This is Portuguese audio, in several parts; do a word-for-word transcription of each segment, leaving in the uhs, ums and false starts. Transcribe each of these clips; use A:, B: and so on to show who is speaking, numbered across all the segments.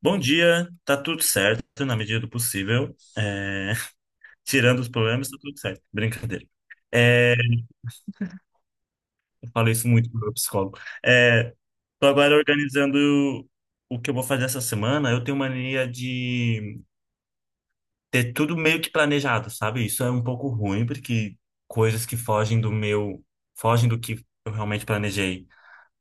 A: Bom dia, tá tudo certo na medida do possível. É, tirando os problemas, tá tudo certo. Brincadeira. É, eu falo isso muito pro meu psicólogo. É... Tô agora organizando o que eu vou fazer essa semana. Eu tenho mania de ter tudo meio que planejado, sabe? Isso é um pouco ruim, porque coisas que fogem do meu, fogem do que eu realmente planejei,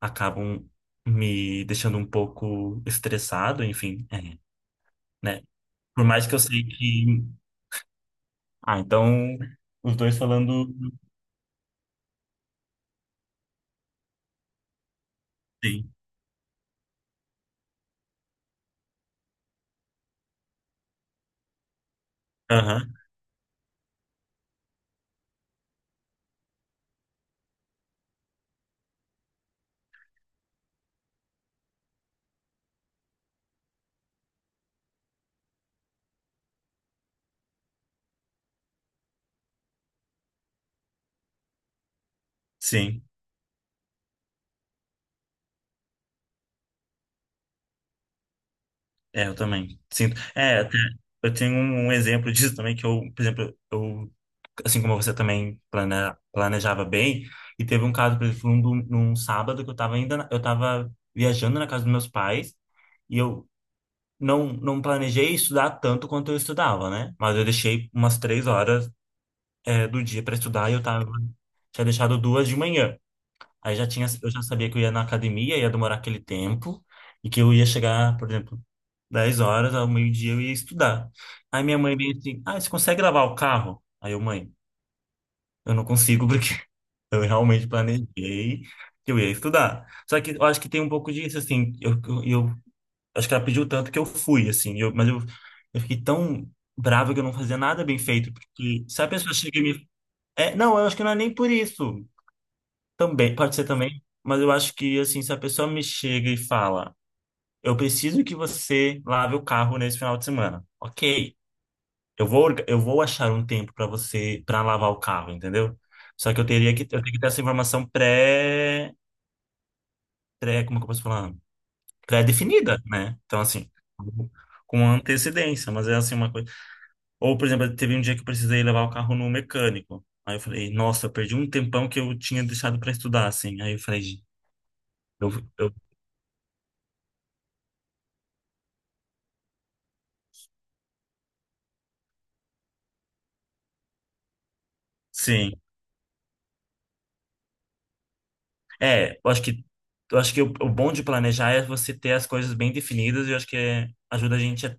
A: acabam me deixando um pouco estressado, enfim, é, né? Por mais que eu sei que Ah, então os dois falando. Sim. Aham. Sim. É, eu também. Sinto. É, até eu tenho um um exemplo disso também, que eu, por exemplo, eu, assim como você também plane- planejava bem, e teve um caso, por exemplo, num, num sábado que eu tava ainda, na- eu tava viajando na casa dos meus pais, e eu não, não planejei estudar tanto quanto eu estudava, né? Mas eu deixei umas três horas, é, do dia para estudar e eu tava, tinha deixado duas de manhã. Aí já tinha, eu já sabia que eu ia na academia, ia demorar aquele tempo, e que eu ia chegar, por exemplo, dez horas, ao meio-dia eu ia estudar. Aí minha mãe veio assim, ah, você consegue lavar o carro? Aí eu, mãe, eu não consigo porque eu realmente planejei que eu ia estudar. Só que eu acho que tem um pouco disso, assim, eu, eu, eu- acho que ela pediu tanto que eu fui, assim, eu, mas eu, eu fiquei tão bravo que eu não fazia nada bem feito, porque se a pessoa chega e me... É, não, eu acho que não é nem por isso. Também, pode ser também, mas eu acho que, assim, se a pessoa me chega e fala, eu preciso que você lave o carro nesse final de semana. Ok, eu vou, orga- eu vou achar um tempo para você, para lavar o carro, entendeu? Só que eu teria que, eu tenho que ter essa informação pré, pré, como que eu posso falar? Pré-definida, né? Então, assim, com antecedência, mas é assim uma coisa. Ou, por exemplo, teve um dia que eu precisei levar o carro no mecânico. Aí eu falei, nossa, eu perdi um tempão que eu tinha deixado para estudar, assim. Aí eu falei, eu, eu, sim. É, eu acho que eu acho que o, o bom de planejar é você ter as coisas bem definidas e eu acho que é- ajuda a gente a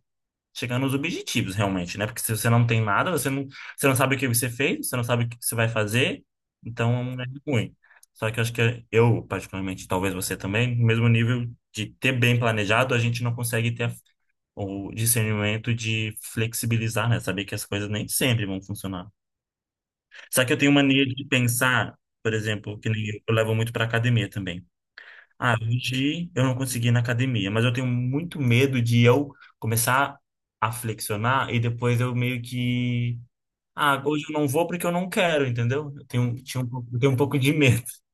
A: chegar nos objetivos realmente, né? Porque se você não tem nada, você não, você não sabe o que você fez, você não sabe o que você vai fazer, então é ruim. Só que eu acho que eu, particularmente, talvez você também, no mesmo nível de ter bem planejado, a gente não consegue ter a- o discernimento de flexibilizar, né? Saber que as coisas nem sempre vão funcionar. Só que eu tenho mania de pensar, por exemplo, que nem eu, eu levo muito para academia também. Ah, hoje eu não consegui ir na academia, mas eu tenho muito medo de eu começar a flexionar e depois eu meio que. Ah, hoje eu não vou porque eu não quero, entendeu? Eu tenho, tinha um, pouco- eu tenho um pouco de medo.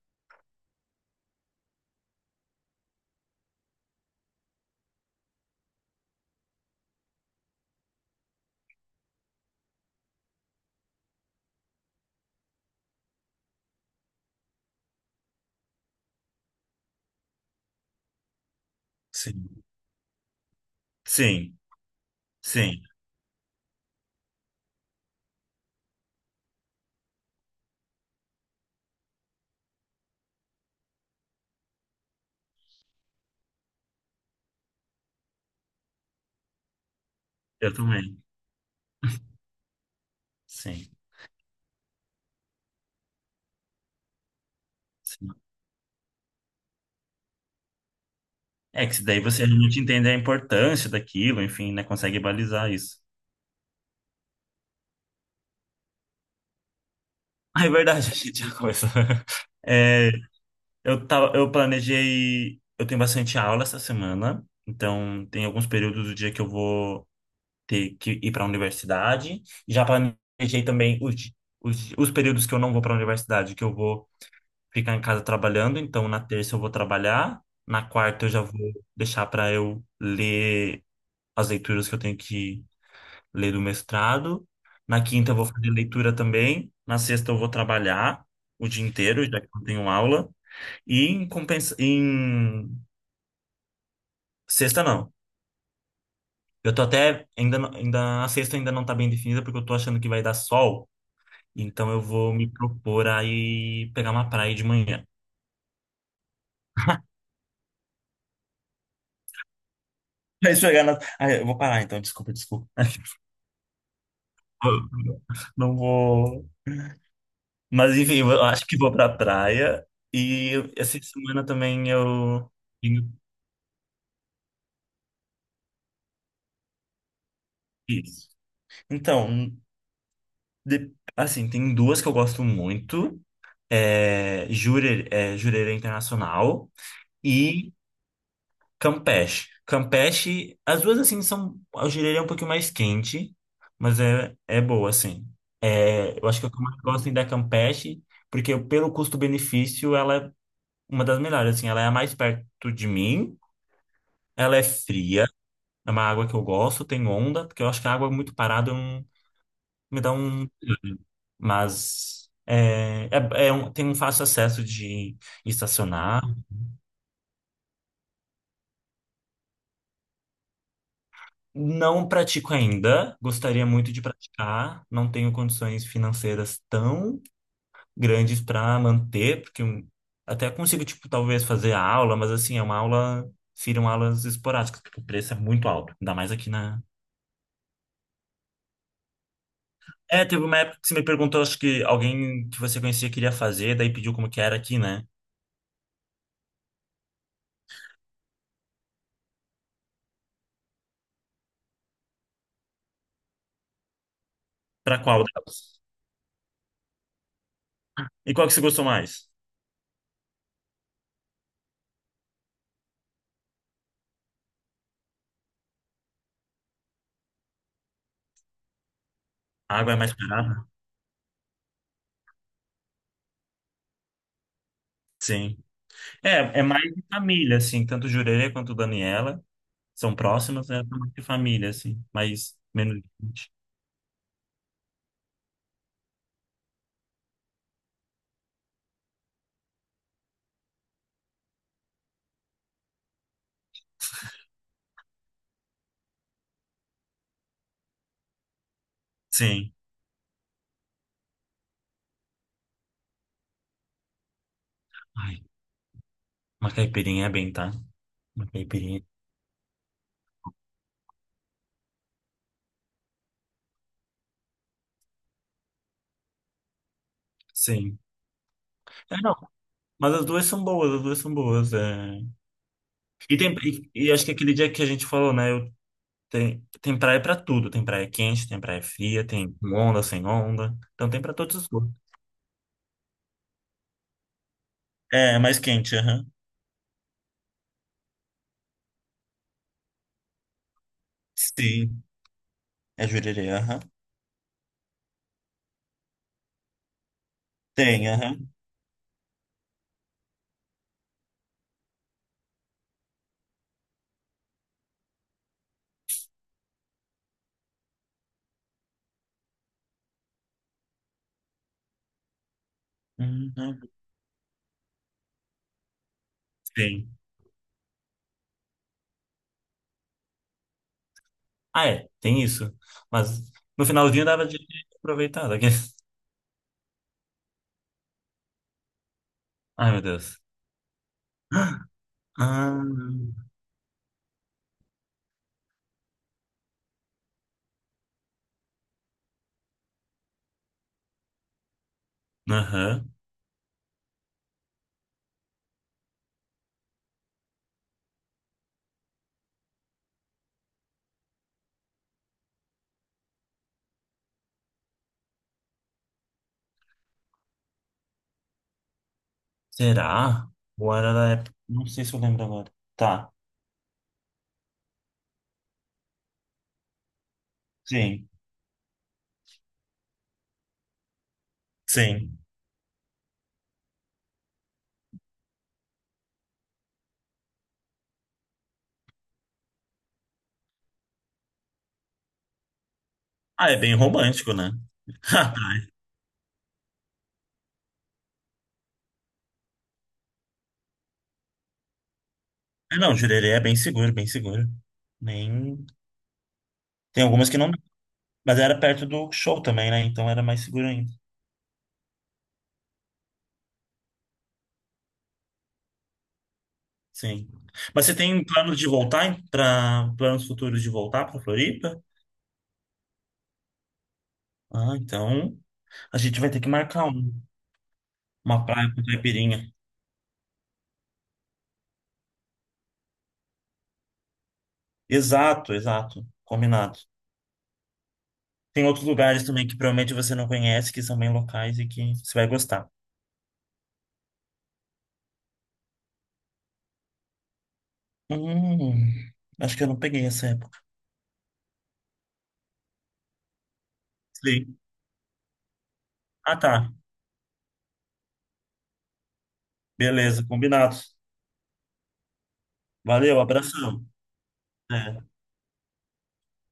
A: Sim. Sim, sim, eu também. Sim, sim. É que daí você realmente entende a importância daquilo, enfim, né? Consegue balizar isso. Ah, é verdade, a gente já começou. É, eu tava, eu planejei. Eu tenho bastante aula essa semana, então tem alguns períodos do dia que eu vou ter que ir para a universidade. Já planejei também os, di- os, di- os períodos que eu não vou para a universidade, que eu vou ficar em casa trabalhando. Então, na terça eu vou trabalhar, na quarta eu já vou deixar para eu ler as leituras que eu tenho que ler do mestrado. Na quinta eu vou fazer leitura também. Na sexta eu vou trabalhar o dia inteiro, já que eu não tenho aula. E em compensa... em sexta não. Eu tô até ainda não- ainda a sexta ainda não tá bem definida porque eu tô achando que vai dar sol, então eu vou me propor aí pegar uma praia de manhã. Vai pegar na... Ah, eu vou parar então, desculpa, desculpa. Eu não vou. Mas enfim, eu acho que vou pra praia e eu- essa semana também eu tenho isso. Então, de- assim, tem duas que eu gosto muito. É, Jurer, é, Jureira Internacional. E Campeche. Campeche, as duas assim são, eu diria, um pouquinho mais quente, mas é, é boa, assim. É, eu acho que o que eu mais gosto ainda é Campeche, porque pelo custo-benefício ela é uma das melhores, assim, ela é a mais perto de mim, ela é fria, é uma água que eu gosto, tem onda, porque eu acho que a água muito parada eu não- me dá um... Mas é, é, é um- tem um fácil acesso de estacionar. Não pratico ainda, gostaria muito de praticar, não tenho condições financeiras tão grandes para manter, porque um- até consigo, tipo, talvez fazer a aula, mas assim, é uma aula, seriam aulas esporádicas, porque o preço é muito alto, ainda mais aqui na. É, teve uma época que você me perguntou, acho que alguém que você conhecia queria fazer, daí pediu como que era aqui, né? Para qual delas? E qual que você gostou mais? A água é mais barata? Sim. É, é mais de família, assim, tanto Jureira quanto Daniela. São próximas, é tamanho de família, assim, mas menos de vinte. Sim. Ai, uma caipirinha é bem, tá? Uma caipirinha. Sim. É, não, mas as duas são boas, as duas são boas. É... E, tem, e, e acho que aquele dia que a gente falou, né? Eu, tem, tem praia pra tudo. Tem praia quente, tem praia fria, tem com onda, sem onda. Então tem pra todos os gostos. É, é mais quente, aham. Sim. É jurerê, aham. Tem, aham. Uhum. Sim. Ah, é, tem isso. Mas no finalzinho dava de aproveitar. Daquele. Ai, meu Deus. Ah, aham. Será? Ou era da época? Não sei se eu lembro agora. Tá. Sim. Sim. Ah, é bem romântico, né? Ah, não, Jurerê é bem seguro, bem seguro. Nem... Tem algumas que não... Mas era perto do show também, né? Então era mais seguro ainda. Sim. Mas você tem plano de voltar para planos futuros de voltar para Floripa? Ah, então a gente vai ter que marcar um- uma praia com caipirinha. Exato, exato. Combinado. Tem outros lugares também que provavelmente você não conhece, que são bem locais e que você vai gostar. Hum, acho que eu não peguei essa época. Sim. Ah, tá. Beleza, combinado. Valeu, abração. É.